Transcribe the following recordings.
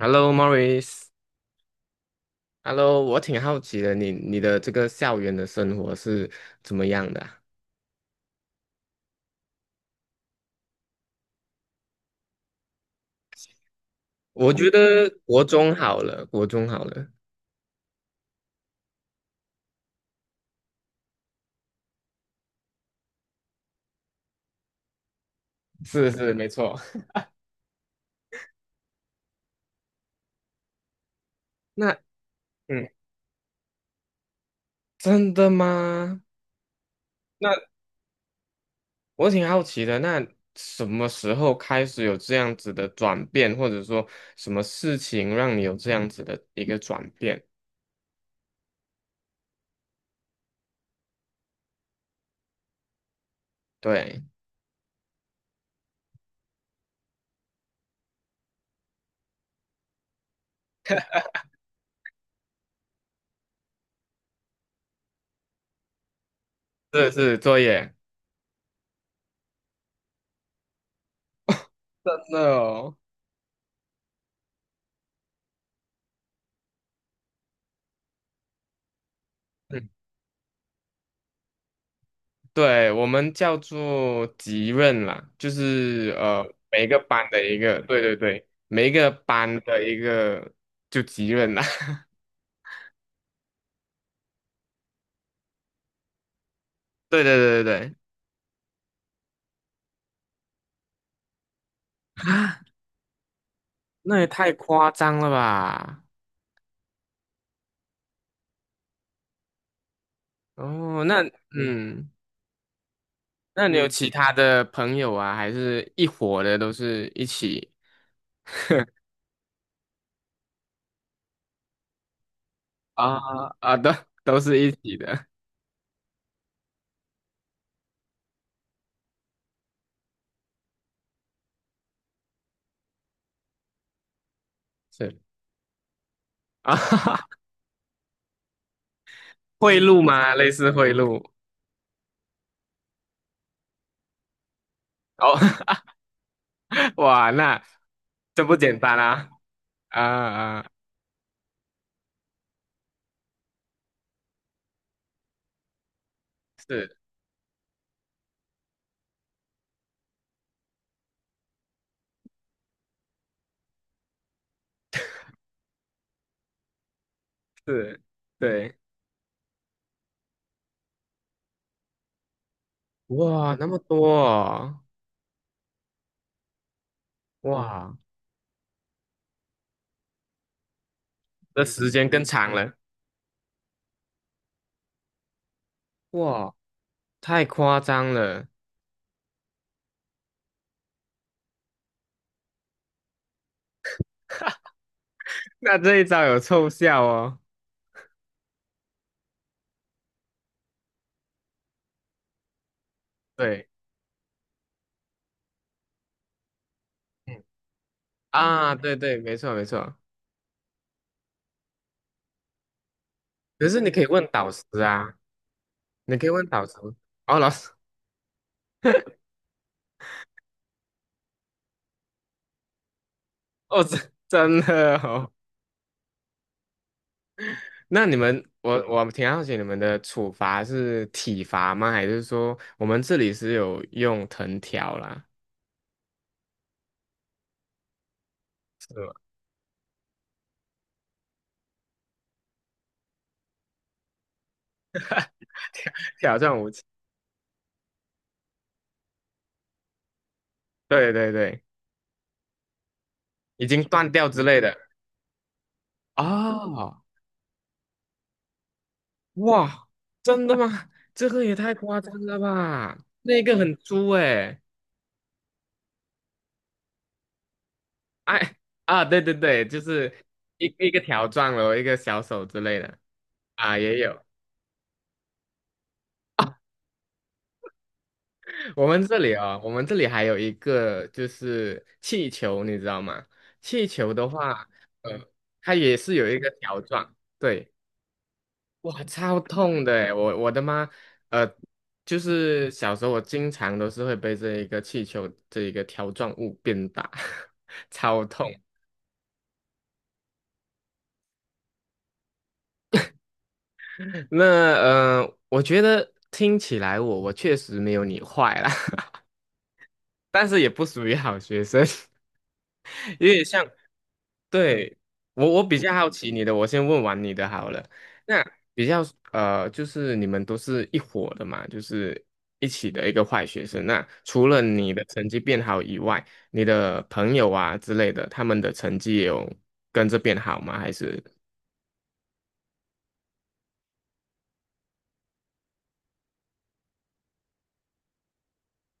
Hello, m o r r i s 哈 Hello，我挺好奇的，你的这个校园的生活是怎么样的啊。我觉得国中好了，国中好了。是是没错。那嗯，真的吗？那我挺好奇的，那什么时候开始有这样子的转变，或者说什么事情让你有这样子的一个转变？对，是是作业。真的哦。对，我们叫做级任啦，就是每一个班的一个，对对对，每一个班的一个就级任啦，对对对对对。啊，那也太夸张了吧？哦，那 嗯，那你有其他的朋友啊，还是一伙的，都是一起啊。啊，都都是一起的。是啊，贿赂吗？类似贿赂。哦，哇，那这不简单啦。啊啊，是是，对。哇，那么多哦。哇，这时间更长了。哇，太夸张了。那这一招有凑效哦。对，嗯。啊，对对，没错没错。可是你可以问导师啊，你可以问导师，哦，老师。哦，真真的哦。那你们，我我挺好奇你们的处罚是体罚吗？还是说我们这里是有用藤条啦，是吗？挑挑战武器。对对对。已经断掉之类的。啊，哇，真的吗？这个也太夸张了吧！那个很粗诶、哎。啊，对对对，就是一个条状了，一个小手之类的。啊，也有。我们这里哦，我们这里还有一个就是气球，你知道吗？气球的话，呃，它也是有一个条状，对。哇，超痛的诶，我我的妈。呃，就是小时候我经常都是会被这一个气球这一个条状物鞭打，超痛。那我觉得听起来我我确实没有你坏啦，但是也不属于好学生，因为像对，我我比较好奇你的，我先问完你的好了。那比较就是你们都是一伙的嘛，就是一起的一个坏学生。那除了你的成绩变好以外，你的朋友啊之类的，他们的成绩也有跟着变好吗？还是？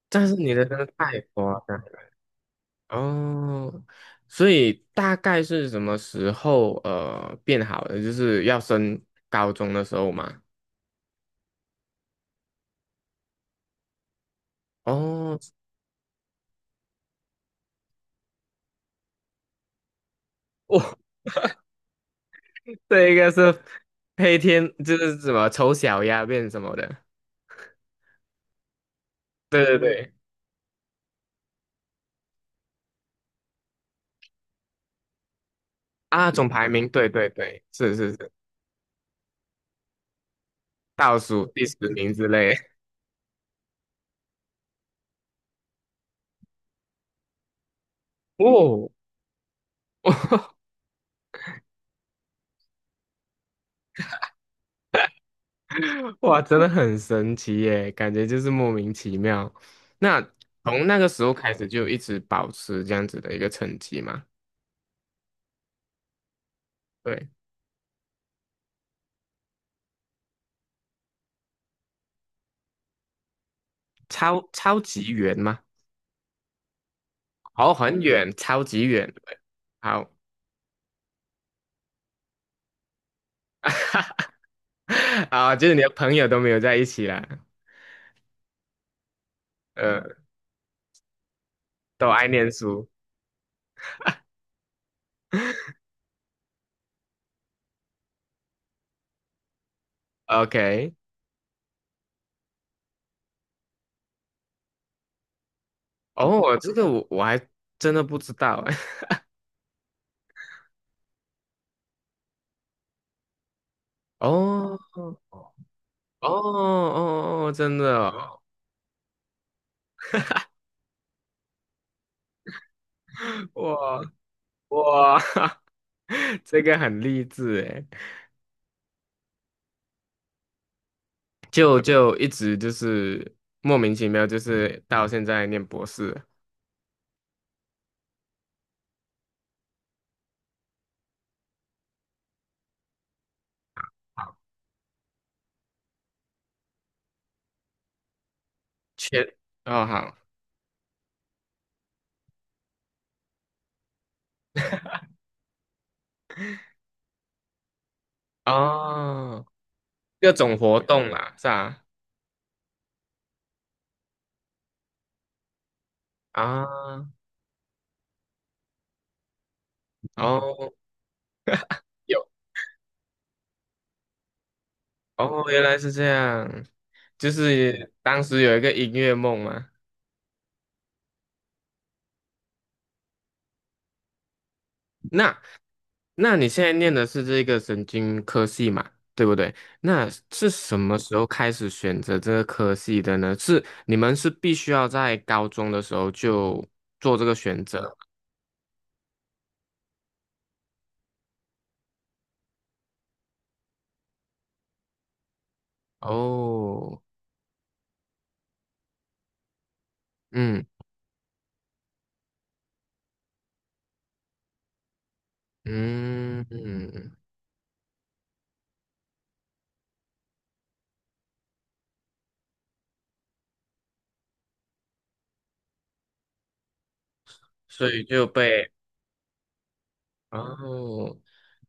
但是你的真的太夸张了。哦，所以大概是什么时候变好的？就是要升高中的时候嘛。哦，这一个是黑天，就是什么丑小鸭变什么的。对对对。啊，总排名，对对对，是是是。倒数第十名之类。哦，哇，真的很神奇耶，感觉就是莫名其妙。那从那个时候开始就一直保持这样子的一个成绩嘛？对，超超级远吗？哦，很远，超级远。对好，啊，就是你的朋友都没有在一起啦。呃，都爱念书。OK，哦，这个我我还真的不知道哎。哦哦哦哦，真的哦。哇哇，这个很励志哎。就就一直就是莫名其妙，就是到现在念博士了。全哦好哦，各种活动啦，是吧？啊哦有哦，原来是这样，就是当时有一个音乐梦嘛。那那你现在念的是这个神经科系嘛，对不对？那是什么时候开始选择这个科系的呢？是你们是必须要在高中的时候就做这个选择？哦，嗯嗯嗯，所以就被然哦，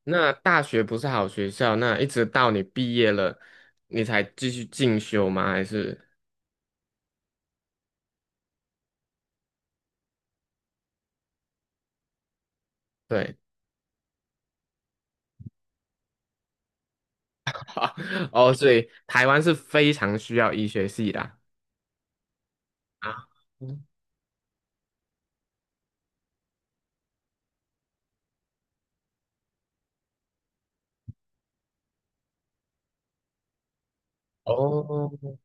那大学不是好学校，那一直到你毕业了，你才继续进修吗？还是对，哦，所以台湾是非常需要医学系的啊。啊，嗯。哦，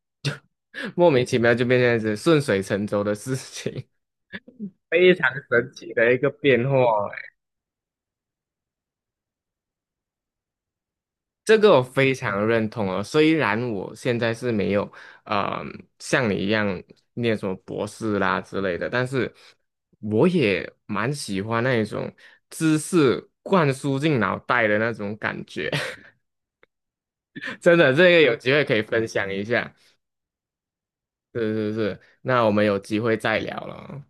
莫名其妙就变这样子，顺水成舟的事情，非常神奇的一个变化。欸。这个我非常认同哦。虽然我现在是没有，呃，像你一样念什么博士啦之类的，但是我也蛮喜欢那一种知识灌输进脑袋的那种感觉。真的，这个有机会可以分享一下。是是是，那我们有机会再聊了，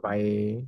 拜拜。